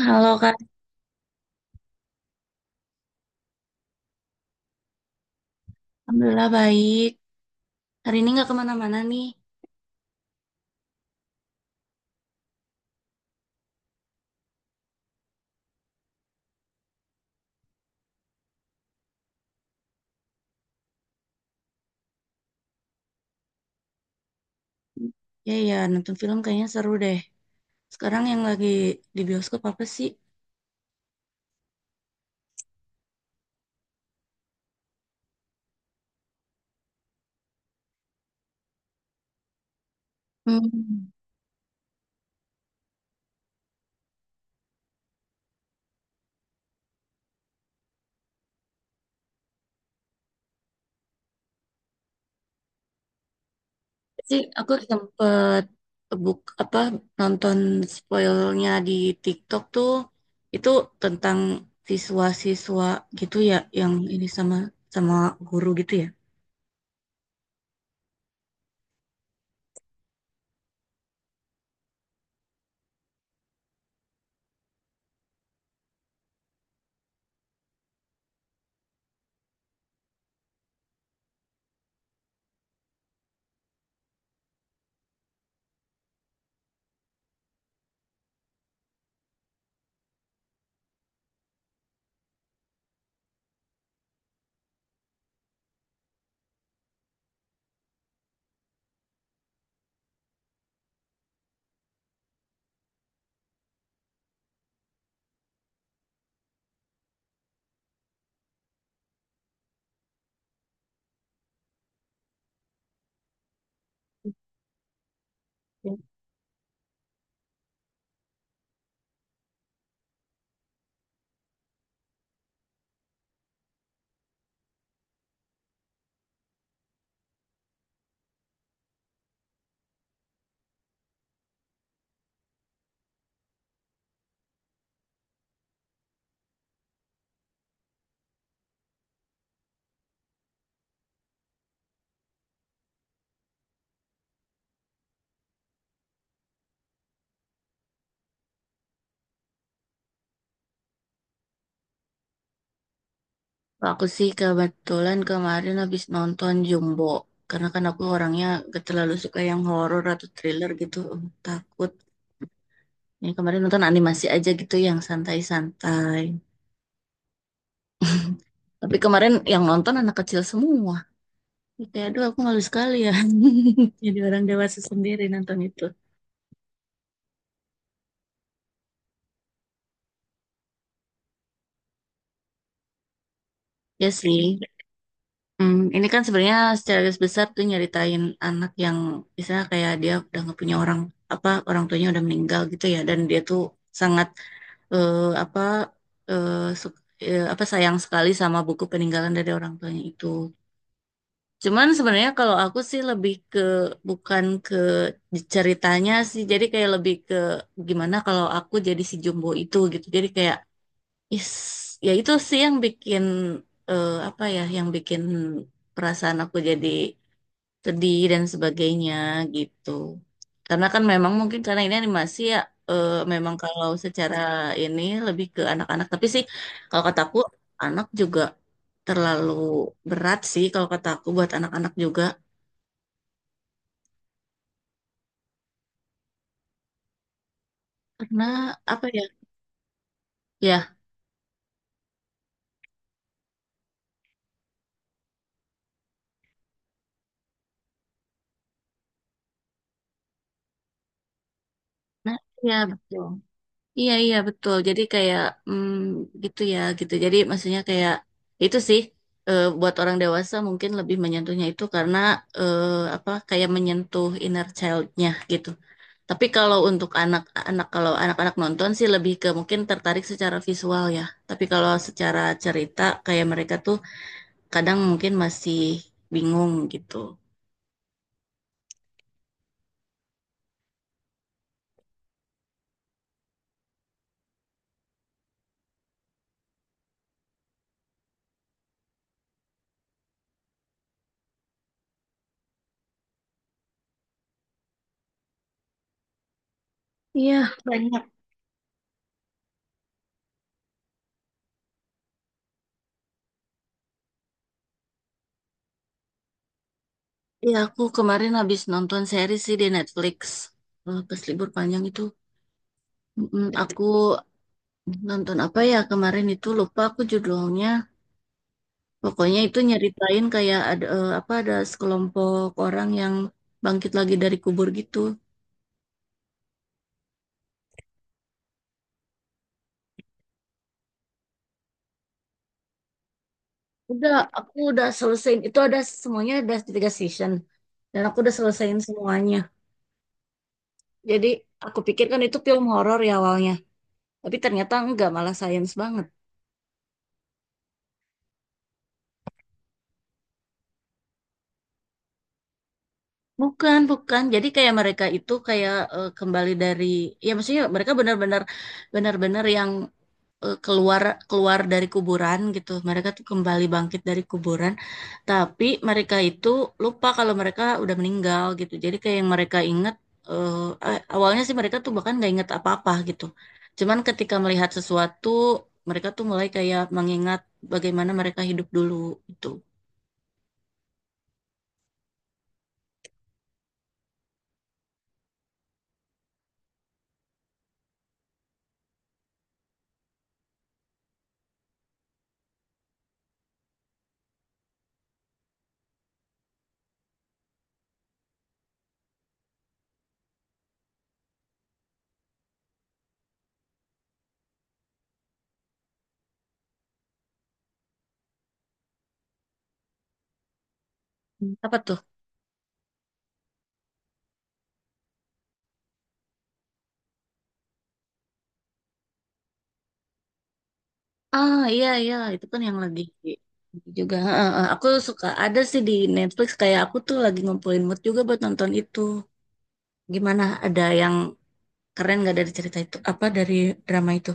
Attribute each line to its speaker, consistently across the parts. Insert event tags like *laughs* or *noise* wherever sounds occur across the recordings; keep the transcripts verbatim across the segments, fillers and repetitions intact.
Speaker 1: Halo Kak, alhamdulillah baik. Hari ini nggak kemana-mana nih. Ya ya, nonton film kayaknya seru deh. Sekarang yang lagi di bioskop apa sih? Hmm, sih aku sempet buk apa nonton spoilnya di TikTok tuh itu tentang siswa-siswa gitu ya yang ini sama sama guru gitu ya. Aku sih kebetulan kemarin habis nonton Jumbo. Karena kan aku orangnya gak terlalu suka yang horor atau thriller gitu. em, Takut. Ini kemarin nonton animasi aja gitu yang santai-santai. *laughs* Tapi kemarin yang nonton anak kecil semua. Kayak aduh aku malu sekali ya. *laughs* Jadi orang dewasa sendiri nonton itu. Ya sih. Hmm, ini kan sebenarnya secara garis besar tuh nyeritain anak yang misalnya kayak dia udah nggak punya orang apa orang tuanya udah meninggal gitu ya dan dia tuh sangat eh, apa eh, su- eh, apa sayang sekali sama buku peninggalan dari orang tuanya itu. Cuman sebenarnya kalau aku sih lebih ke bukan ke ceritanya sih jadi kayak lebih ke gimana kalau aku jadi si Jumbo itu gitu. Jadi kayak Is, ya itu sih yang bikin eh, apa ya, yang bikin perasaan aku jadi sedih dan sebagainya gitu. Karena kan memang mungkin karena ini animasi ya, eh, memang kalau secara ini lebih ke anak-anak. Tapi sih kalau kataku anak juga terlalu berat sih kalau kataku buat anak-anak juga. Karena apa ya? Ya, nah, ya betul. Iya iya betul. Jadi kayak mm, gitu ya gitu. Jadi maksudnya kayak itu sih eh, buat orang dewasa mungkin lebih menyentuhnya itu karena eh, apa kayak menyentuh inner childnya gitu. Tapi kalau untuk anak-anak kalau anak-anak nonton sih lebih ke mungkin tertarik secara visual ya. Tapi kalau secara cerita kayak mereka tuh kadang mungkin masih bingung gitu. Iya banyak. Iya aku kemarin habis nonton series sih di Netflix. Eh, Pas libur panjang itu. Mm, aku nonton apa ya kemarin itu lupa aku judulnya. Pokoknya itu nyeritain kayak ada eh, apa ada sekelompok orang yang bangkit lagi dari kubur gitu. Udah, aku udah selesaiin itu ada semuanya ada tiga season dan aku udah selesaiin semuanya. Jadi aku pikir kan itu film horor ya awalnya, tapi ternyata enggak malah science banget. Bukan, bukan. Jadi kayak mereka itu kayak eh, kembali dari ya maksudnya mereka benar-benar benar-benar yang eh, keluar keluar dari kuburan gitu. Mereka tuh kembali bangkit dari kuburan, tapi mereka itu lupa kalau mereka udah meninggal gitu. Jadi kayak yang mereka ingat eh, a- awalnya sih mereka tuh bahkan nggak ingat apa-apa gitu. Cuman ketika melihat sesuatu, mereka tuh mulai kayak mengingat bagaimana mereka hidup dulu itu. Apa tuh? Ah iya iya itu kan yang lagi juga. Heeh, heeh, aku suka ada sih di Netflix kayak aku tuh lagi ngumpulin mood juga buat nonton itu gimana ada yang keren nggak dari cerita itu apa dari drama itu.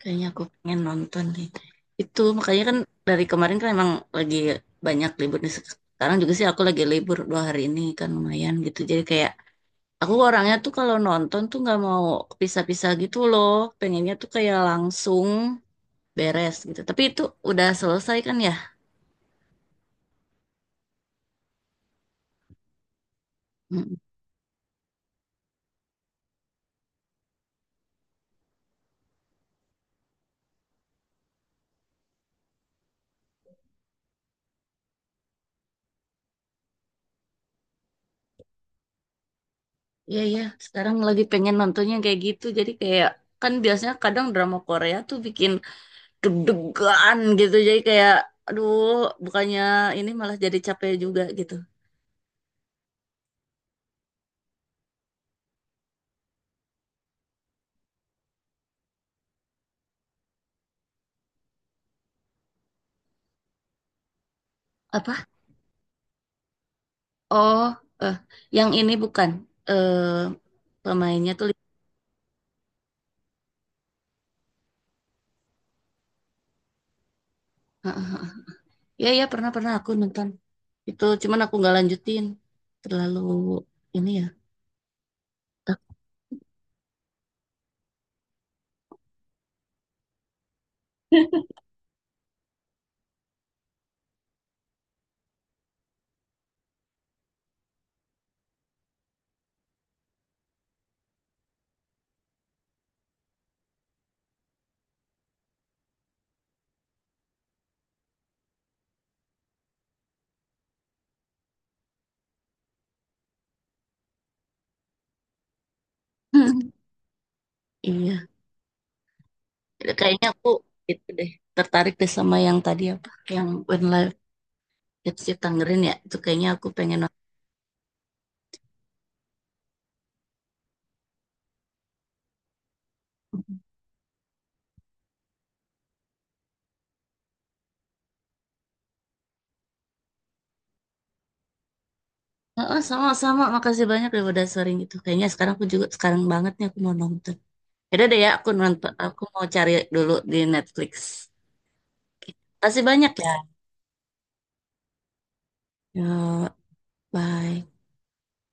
Speaker 1: Kayaknya aku pengen nonton deh itu makanya kan dari kemarin kan emang lagi banyak libur nih, sekarang juga sih aku lagi libur dua hari ini kan lumayan gitu jadi kayak aku orangnya tuh kalau nonton tuh nggak mau pisah-pisah gitu loh, pengennya tuh kayak langsung beres gitu tapi itu udah selesai kan ya. Mm. Iya iya, sekarang lagi pengen nontonnya kayak gitu. Jadi kayak kan biasanya kadang drama Korea tuh bikin deg-degan gitu jadi kayak aduh bukannya ini malah jadi capek juga gitu. Apa? Oh, eh yang ini bukan, eh pemainnya tuh. Heeh, ya ya pernah pernah aku nonton itu cuman aku nggak lanjutin terlalu ini ya. *laughs* Iya, kayaknya aku itu deh, tertarik deh sama yang tadi apa yang When Life Gets You Tangerine ya itu kayaknya aku pengen nonton. Heeh, sama-sama. Makasih banyak ya udah sharing itu. Kayaknya sekarang aku juga sekarang banget nih aku mau nonton. Yaudah deh ya, aku nonton, aku mau cari dulu di Netflix. Oke. Makasih banyak ya. Yuk, bye.